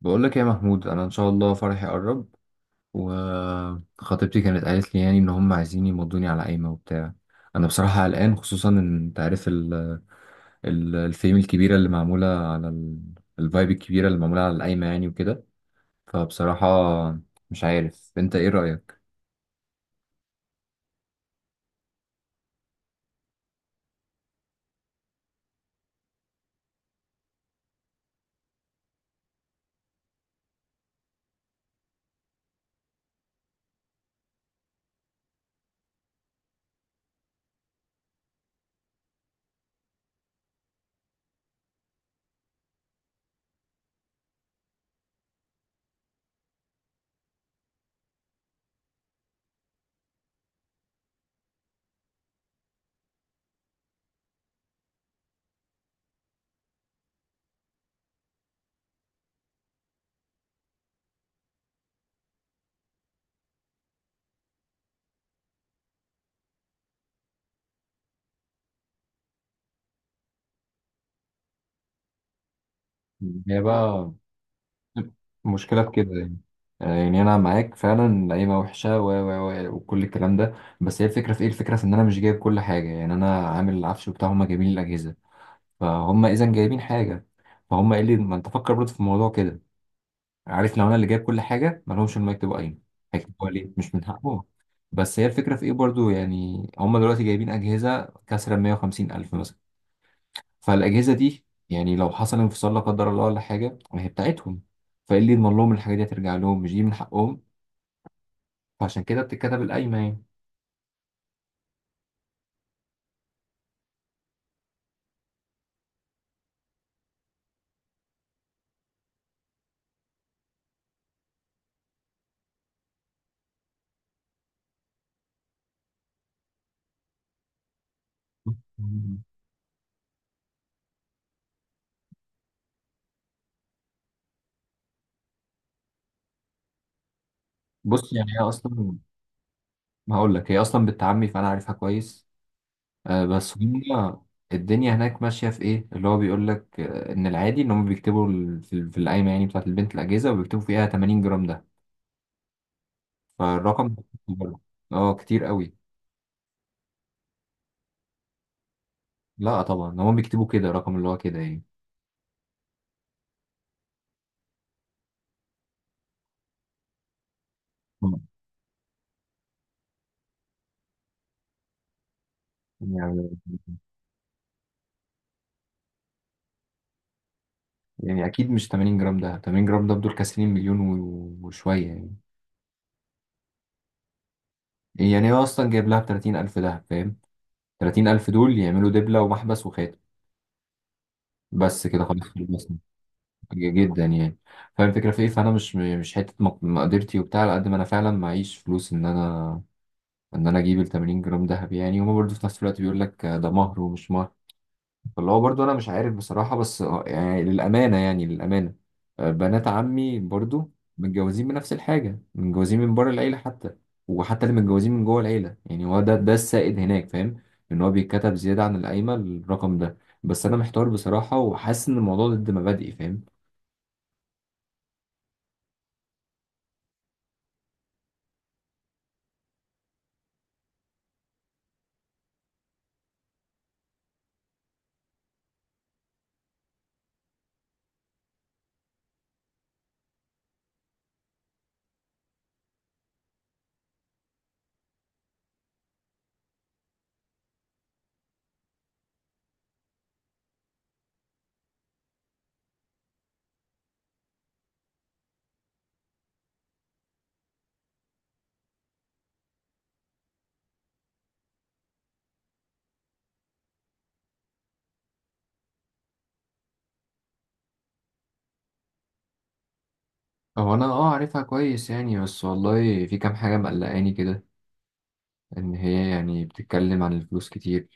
بقول لك يا محمود، انا ان شاء الله فرحي قرب، وخطيبتي كانت قالت لي يعني ان هم عايزين يمضوني على قايمه وبتاع. انا بصراحه قلقان، خصوصا ان انت عارف الفيم الكبيره اللي معموله على الفايب الكبيره اللي معموله على القايمه يعني وكده. فبصراحه مش عارف انت ايه رايك؟ هي بقى المشكلة في كده يعني. يعني أنا معاك فعلا، القايمة وحشة و و و وكل الكلام ده. بس هي الفكرة في إيه؟ الفكرة في إن أنا مش جايب كل حاجة، يعني أنا عامل العفش بتاع، هما جايبين الأجهزة. فهم اذا جايبين حاجه، فهم قال لي ما انت فكر برضه في الموضوع كده. عارف، لو انا اللي جايب كل حاجه ما لهمش انهم يكتبوا قايمه. هيكتبوها ليه؟ مش من حقهم. بس هي الفكره في ايه برضه؟ يعني هم دلوقتي جايبين اجهزه كسر 150 الف مثلا. فالاجهزه دي يعني لو حصل انفصال لا قدر الله ولا حاجه، ما هي بتاعتهم. فايه اللي يضمن لهم الحاجه دي هترجع لهم؟ مش دي من حقهم؟ فعشان كده بتتكتب القايمه يعني. بص يعني هي اصلا، ما هقول لك، هي اصلا بالتعمي فانا عارفها كويس. بس هم الدنيا هناك ماشية في إيه. اللي هو بيقول لك إن العادي إن هم بيكتبوا في القايمة يعني بتاعة البنت الأجهزة، وبيكتبوا فيها 80 جرام ده. فالرقم ده كتير برضه. أه كتير قوي. لا طبعا، هم بيكتبوا كده رقم اللي هو كده يعني. مم. يعني يعني أكيد مش 80 جرام، ده 80 جرام ده بدول كاسرين مليون و- وشوية يعني. يعني هو أصلا جايب لها ب 30 ألف ده فاهم. 30 ألف دول يعملوا دبلة ومحبس وخاتم، بس كده خلاص. جدا يعني. فاهم الفكره في ايه. فانا مش حته مقدرتي وبتاع، على قد ما انا فعلا معيش فلوس ان انا انا اجيب ال 80 جرام ذهب. يعني هما برضو في نفس الوقت بيقول لك ده مهر ومش مهر. فاللي هو برضو انا مش عارف بصراحه. بس يعني للامانه، يعني للامانه، بنات عمي برضو متجوزين بنفس الحاجه، متجوزين من بره العيله حتى، وحتى اللي متجوزين من جوه العيله. يعني هو ده السائد هناك فاهم. ان هو بيتكتب زياده عن القايمه الرقم ده. بس انا محتار بصراحه، وحاسس ان الموضوع ضد مبادئي فاهم. هو انا اه عارفها كويس يعني، بس والله في كام حاجه مقلقاني كده. ان هي يعني بتتكلم عن الفلوس كتير،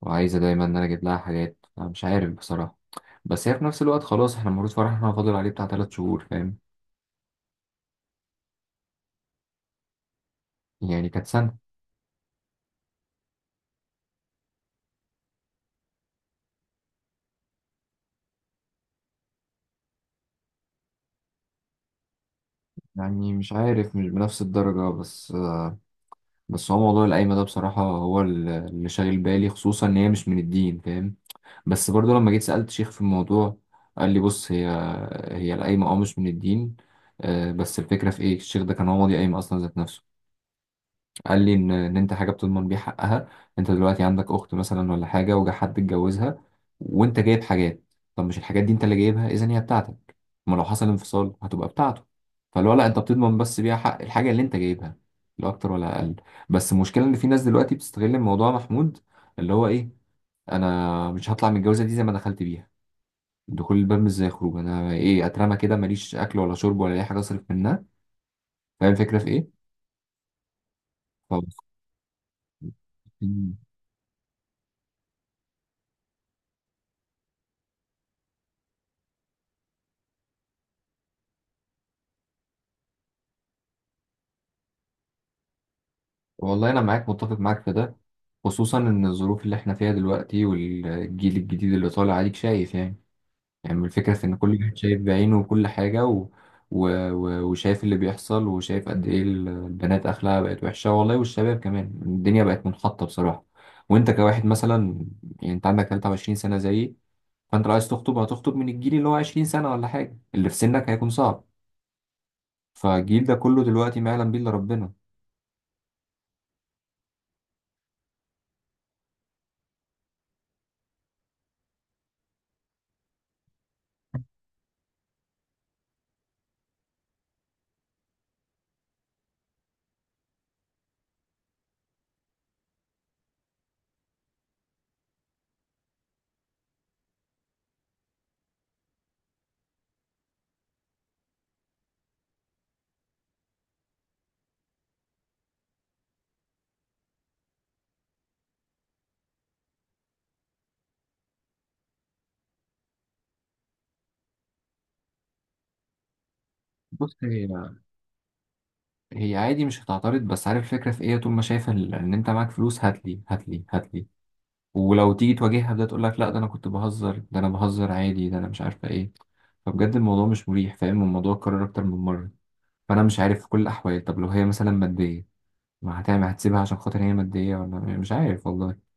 وعايزه دايما ان انا اجيب لها حاجات. انا مش عارف بصراحه. بس هي في نفس الوقت خلاص، احنا المفروض فرحنا فاضل عليه بتاع تلات شهور فاهم. يعني كانت سنه. يعني مش عارف، مش بنفس الدرجه. بس هو موضوع القايمه ده بصراحه هو اللي شاغل بالي، خصوصا ان هي مش من الدين فاهم. بس برضو لما جيت سألت شيخ في الموضوع، قال لي بص، هي القايمة اه مش من الدين. بس الفكرة في ايه؟ الشيخ ده كان هو ماضي قايمة اصلا ذات نفسه. قال لي ان انت حاجة بتضمن بيه حقها. انت دلوقتي عندك اخت مثلا ولا حاجة، وجا حد اتجوزها، وانت جايب حاجات. طب مش الحاجات دي انت اللي جايبها؟ اذا هي بتاعتك. ما لو حصل انفصال هتبقى بتاعته. فاللي هو لا، انت بتضمن بس بيها حق الحاجة اللي انت جايبها، لا اكتر ولا اقل. بس المشكلة ان في ناس دلوقتي بتستغل الموضوع محمود. اللي هو ايه؟ انا مش هطلع من الجوازة دي زي ما دخلت بيها. دخول الباب مش زي الخروج. انا ايه اترمى كده، ماليش اكل ولا شرب ولا اي حاجه اصرف منها؟ فاهم الفكره في ايه. خلاص. مم. والله انا معاك، متفق معاك في ده. خصوصا ان الظروف اللي احنا فيها دلوقتي، والجيل الجديد اللي طالع عليك شايف يعني الفكره في ان كل واحد شايف بعينه وكل حاجه، و... و... و... وشايف اللي بيحصل، وشايف قد ايه البنات اخلاقها بقت وحشه والله، والشباب كمان الدنيا بقت منحطه بصراحه. وانت كواحد مثلا، يعني انت عندك 23 سنه زيي. فانت لو عايز تخطب، هتخطب من الجيل اللي هو 20 سنة ولا حاجة، اللي في سنك هيكون صعب. فالجيل ده كله دلوقتي ما يعلم بيه الا ربنا. بص، هي عادي مش هتعترض. بس عارف الفكرة في ايه؟ طول ما شايفة ان انت معاك فلوس، هاتلي هاتلي هاتلي. ولو تيجي تواجهها ده، تقول لك لا، ده انا كنت بهزر، ده انا بهزر عادي، ده انا مش عارفة ايه. فبجد الموضوع مش مريح فاهم. الموضوع اتكرر اكتر من مرة. فانا مش عارف، في كل الاحوال. طب لو هي مثلا مادية، ما هتعمل؟ هتسيبها عشان خاطر هي مادية؟ ولا مش عارف والله.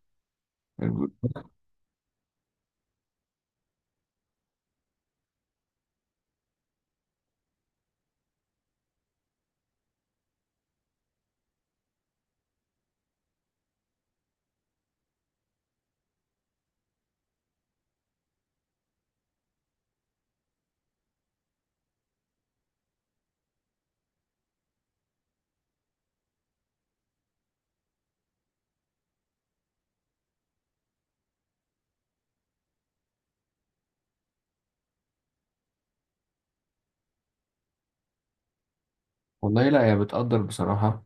والله لا، هي بتقدر بصراحة.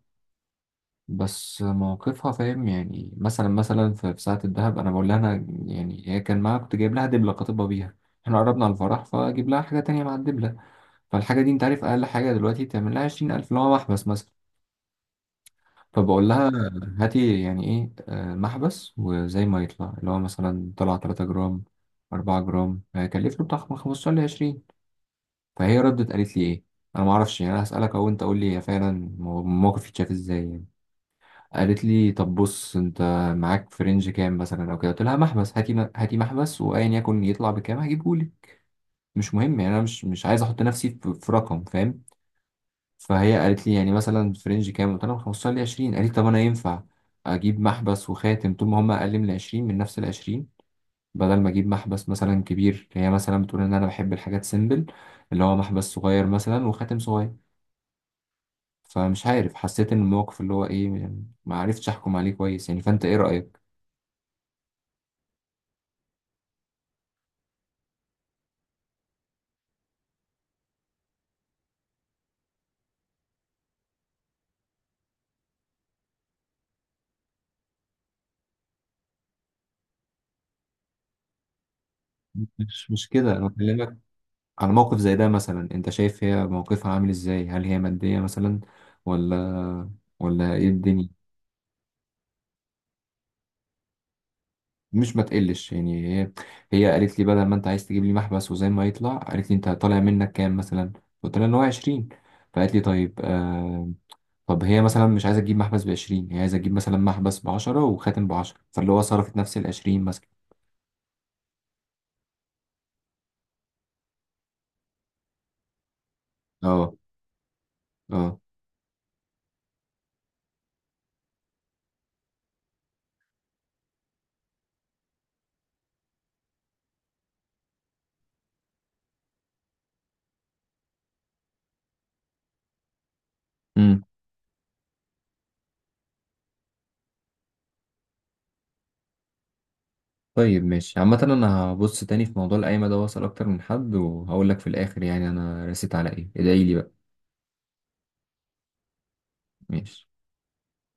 بس موقفها فاهم يعني. مثلا في ساعة الدهب، أنا بقول لها أنا، يعني هي كان معاها، كنت جايب لها دبلة خاطبة بيها. إحنا قربنا على الفرح، فأجيب لها حاجة تانية مع الدبلة. فالحاجة دي أنت عارف أقل حاجة دلوقتي، تعمل لها عشرين ألف اللي هو محبس مثلا. فبقول لها هاتي يعني إيه، محبس. وزي ما يطلع اللي هو مثلا طلع تلاتة جرام أربعة جرام، هيكلف له بتاع خمستاشر لعشرين. فهي ردت قالت لي إيه؟ أنا معرفش يعني. أنا هسألك أهو، أنت قول لي هي فعلا الموقف يتشاف إزاي يعني. قالت لي طب بص، انت معاك في رينج كام مثلا او كده. قلت لها محبس، هاتي هاتي محبس، وايا يكن يطلع بكام هجيبهولي. مش مهم يعني، انا مش عايز احط نفسي في رقم فاهم. فهي قالت لي يعني مثلا في رينج كام؟ قلت لها من 15 ل 20. قالت لي طب انا ينفع اجيب محبس وخاتم طول ما هم اقل من 20، من نفس ال 20، بدل ما اجيب محبس مثلا كبير. هي مثلا بتقول ان انا بحب الحاجات سيمبل، اللي هو محبس صغير مثلا وخاتم صغير. فمش عارف، حسيت ان الموقف اللي هو ايه يعني، ما عرفتش احكم عليه كويس يعني. فانت ايه رأيك؟ مش كده انا بكلمك. على موقف زي ده مثلا، انت شايف هي موقفها عامل ازاي؟ هل هي مادية مثلا ولا؟ ايه الدنيا؟ مش ما تقلش يعني، هي قالت لي بدل ما انت عايز تجيب لي محبس وزي ما يطلع، قالت لي انت طالع منك كام مثلا؟ قلت لها ان هو 20. فقالت لي طيب طب هي مثلا مش عايزه تجيب محبس ب 20، هي عايزه تجيب مثلا محبس ب 10 وخاتم ب 10، فاللي هو صرفت نفس ال 20 مثلا. اه. اه. طيب ماشي. عامة أنا هبص تاني في موضوع القايمة ده، وأسأل أكتر من حد، وهقول لك في الآخر يعني أنا رسيت على إيه. ادعيلي بقى. ماشي.